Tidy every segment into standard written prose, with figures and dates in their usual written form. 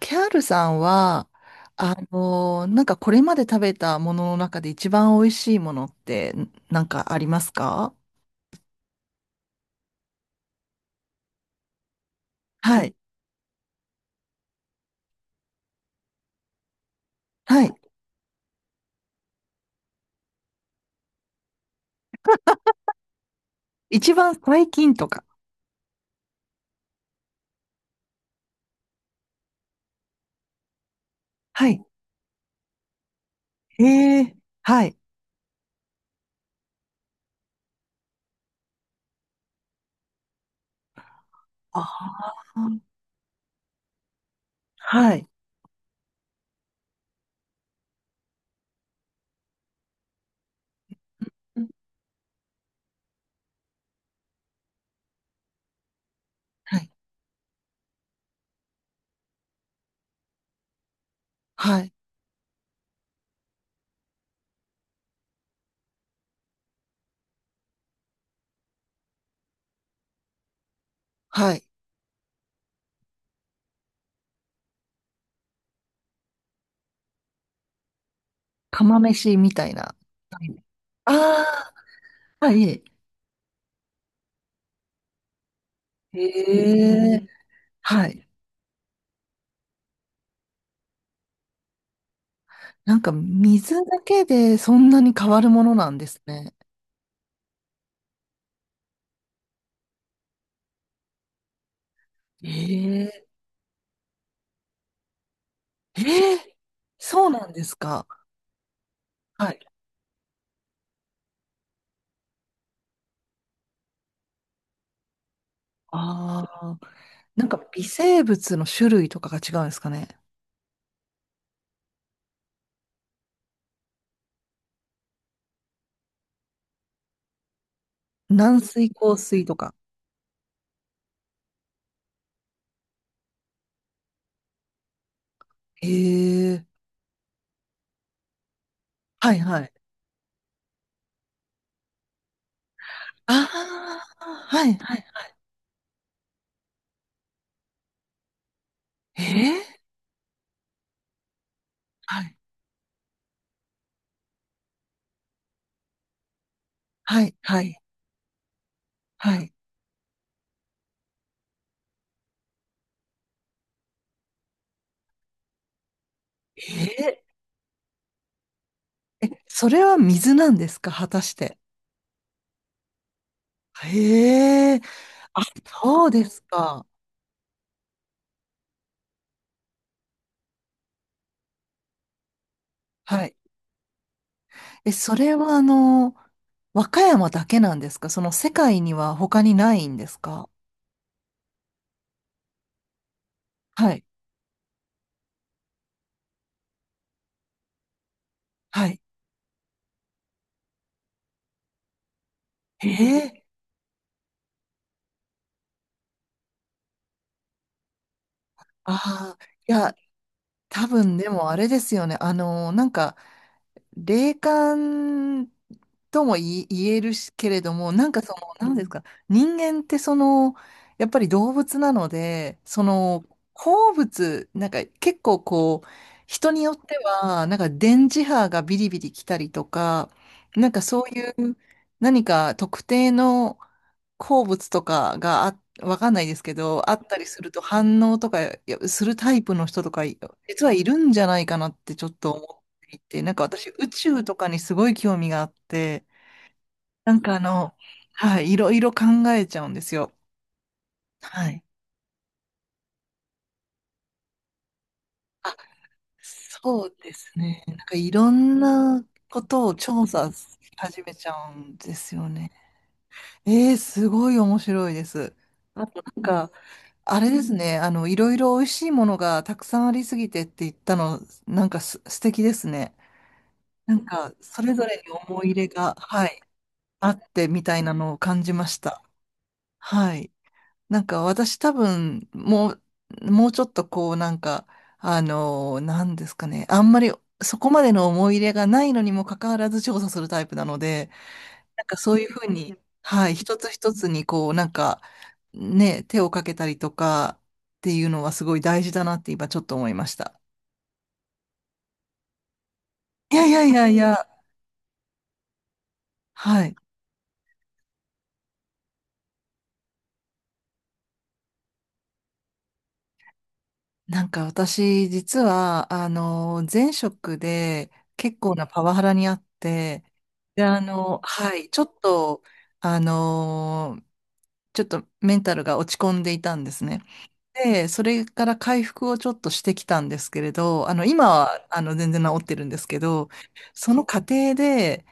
キャールさんは、あのなんかこれまで食べたものの中で一番美味しいものってなんかありますか？はい。はい。一番最近とか。はい。ええ、はい。あー、はい。はい。はい。はい。釜飯みたいな。ああー、はい。ええ、はい。なんか水だけでそんなに変わるものなんですね。ええ、ええ、そうなんですか。はい。ああ、なんか微生物の種類とかが違うんですかね。軟水、硬水とか。へえ。はいはい。ああ、はいはいはい。えー、はいはいはいはい。えー、え、それは水なんですか、果たして。へえ。あ、そうですか。はい。え、それはあの、和歌山だけなんですか？その世界には他にないんですか？はい。はい。ええ。ああ。いや、多分でもあれですよね。あの、なんか、霊感とも言えるしけれども、なんかその、なんですか、人間ってその、やっぱり動物なので、その、好物、なんか結構こう、人によっては、なんか電磁波がビリビリ来たりとか、なんかそういう何か特定の鉱物とかがあ、わかんないですけど、あったりすると反応とかいやするタイプの人とか、実はいるんじゃないかなってちょっと思っていて、なんか私宇宙とかにすごい興味があって、なんかあの、はい、いろいろ考えちゃうんですよ。はい。そうですね。なんかいろんなことを調査し始めちゃうんですよね。えー、すごい面白いです。あとなんか、あれですね。あの、いろいろ美味しいものがたくさんありすぎてって言ったの、なんか素敵ですね。なんか、それぞれに思い入れが、はい、あってみたいなのを感じました。はい。なんか私多分、もうちょっとこうなんか、あのなんですかね。あんまりそこまでの思い入れがないのにもかかわらず調査するタイプなので、なんかそういうふうに、うん、はい、一つ一つにこうなんか、ね、手をかけたりとかっていうのはすごい大事だなって今ちょっと思いました。いやいやいやいや、はい。なんか私、実は、あの、前職で結構なパワハラにあって、で、あの、はい、ちょっと、あの、ちょっとメンタルが落ち込んでいたんですね。で、それから回復をちょっとしてきたんですけれど、あの、今は、あの、全然治ってるんですけど、その過程で、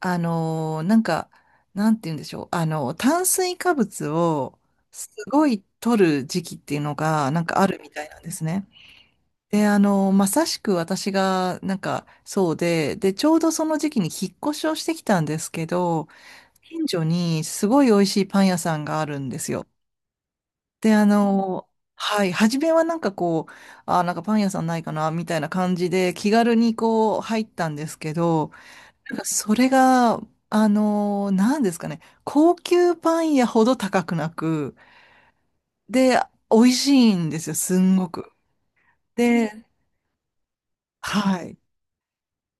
あの、なんか、なんて言うんでしょう、あの、炭水化物をすごい取る時期っていうのが、なんかあるみたいなんですね。で、あの、まさしく私が、なんか、そうで、で、ちょうどその時期に引っ越しをしてきたんですけど、近所にすごい美味しいパン屋さんがあるんですよ。で、あの、はい、初めはなんかこう、あ、なんかパン屋さんないかな、みたいな感じで、気軽にこう、入ったんですけど、なんかそれが、あの、なんですかね、高級パン屋ほど高くなく、で、美味しいんですよ、すんごく。で、はい。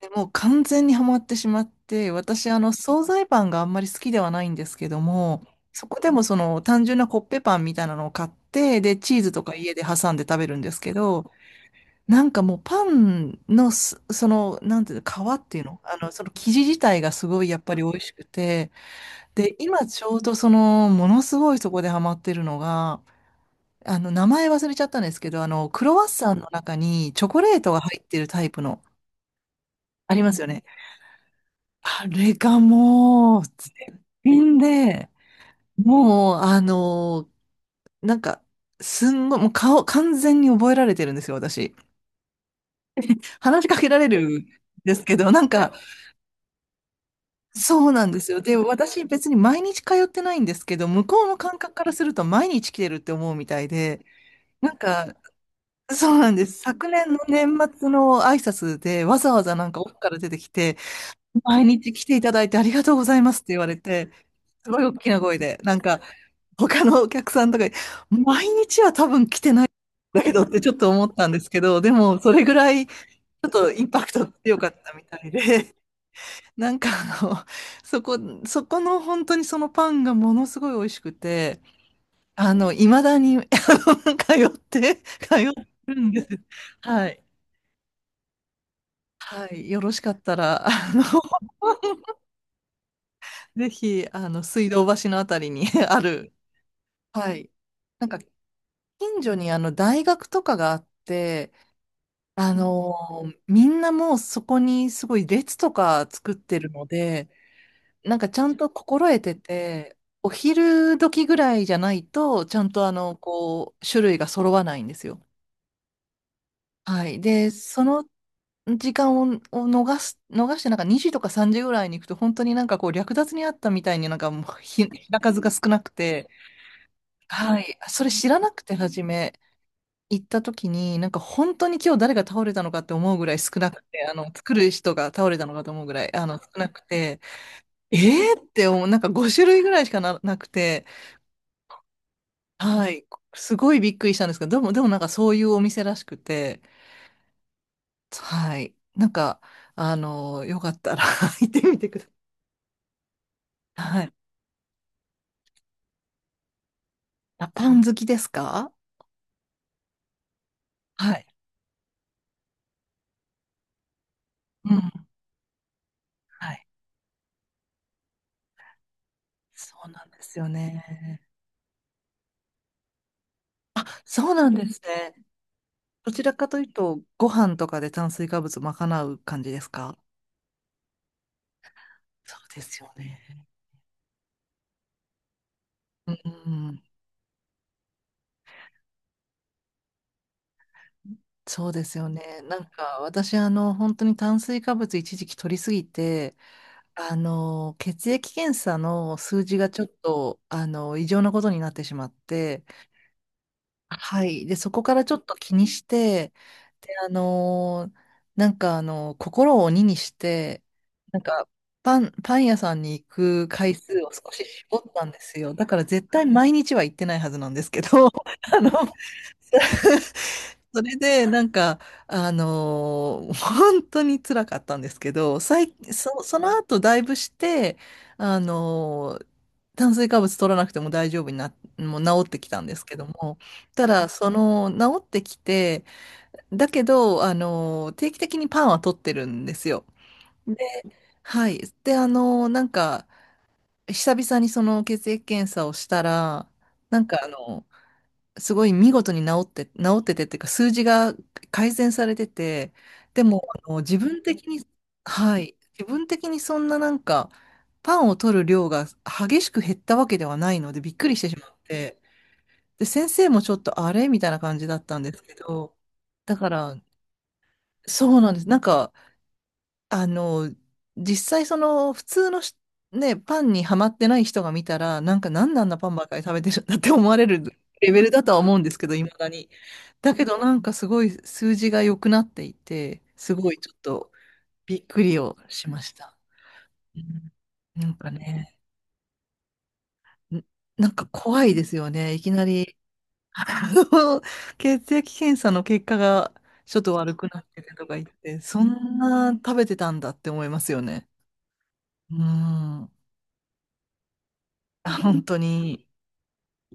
でもう完全にハマってしまって、私、あの、惣菜パンがあんまり好きではないんですけども、そこでもその単純なコッペパンみたいなのを買って、で、チーズとか家で挟んで食べるんですけど、なんかもうパンのその、なんていうの、皮っていうのあの、その生地自体がすごいやっぱり美味しくて、で、今ちょうどその、ものすごいそこでハマってるのが、あの、名前忘れちゃったんですけど、あの、クロワッサンの中にチョコレートが入ってるタイプの、ありますよね。あれがもう、絶品で、もう、あのーなんか、すんごい、もう顔、完全に覚えられてるんですよ、私。話しかけられるんですけど、なんか、そうなんですよ。で、私、別に毎日通ってないんですけど、向こうの感覚からすると、毎日来てるって思うみたいで、なんか、そうなんです。昨年の年末の挨拶で、わざわざなんか奥から出てきて、毎日来ていただいてありがとうございますって言われて、すごい大きな声で、なんか、他のお客さんとかに、毎日は多分来てないんだけどってちょっと思ったんですけど、でもそれぐらいちょっとインパクト強かったみたいで、なんかあの、そこ、そこの本当にそのパンがものすごい美味しくて、あの、いまだに、あの、通ってるんです。はい。はい。よろしかったら、あの、ぜひ、あの、水道橋のあたりに ある、はい。なんか、近所にあの、大学とかがあって、あのーみんなもうそこにすごい列とか作ってるので、なんかちゃんと心得てて、お昼時ぐらいじゃないと、ちゃんとあの、こう、種類が揃わないんですよ。はい。で、その時間を、を逃して、なんか2時とか3時ぐらいに行くと、本当になんかこう、略奪にあったみたいになんかもう品数が少なくて、はい。それ知らなくて、初め。行った時に、なんか本当に今日誰が倒れたのかって思うぐらい少なくて、あの、作る人が倒れたのかと思うぐらい、あの、少なくて、えーって思う、なんか5種類ぐらいしかなくて、はい、すごいびっくりしたんですけど、でも、でもなんかそういうお店らしくて、はい、なんか、あの、よかったら 行ってみてください。はい。あ、パン好きですか？はい。うん。はい。そうなんですよね。そうなんですね。どちらかというと、ご飯とかで炭水化物賄う感じですか？そうですよね。うん、そうですよね。なんか私、あの、本当に炭水化物一時期取りすぎて、あの、血液検査の数字がちょっと、あの、異常なことになってしまって、はい。で、そこからちょっと気にして、で、あのーなんかあの心を鬼にして、なんか、パン屋さんに行く回数を少し絞ったんですよ。だから絶対毎日は行ってないはずなんですけど、あの、それで、なんか、あのー本当に辛かったんですけど、その後だいぶして、あの炭水化物取らなくても大丈夫にな、もう治ってきたんですけども、ただ、その、治ってきて、だけど、あの、定期的にパンは取ってるんですよ。はい。で、あの、なんか、久々にその血液検査をしたら、なんかあの、すごい見事に治っててっていうか、数字が改善されてて、でも、あの、自分的に、はい。自分的にそんななんか、パンを取る量が激しく減ったわけではないので、びっくりしてしまって、で、先生もちょっとあれみたいな感じだったんですけど、だから、そうなんです。なんか、あの、実際その普通のパンにはまってない人が見たら、なんかなんであんなパンばっかり食べてるんだって思われるレベルだとは思うんですけど、いまだに。だけどなんかすごい数字が良くなっていて、すごいちょっとびっくりをしました。うん、なんかね、ん、なんか怖いですよね。いきなり あの血液検査の結果がちょっと悪くなっててとか言って、そんな食べてたんだって思いますよね。うん。あ、本当に、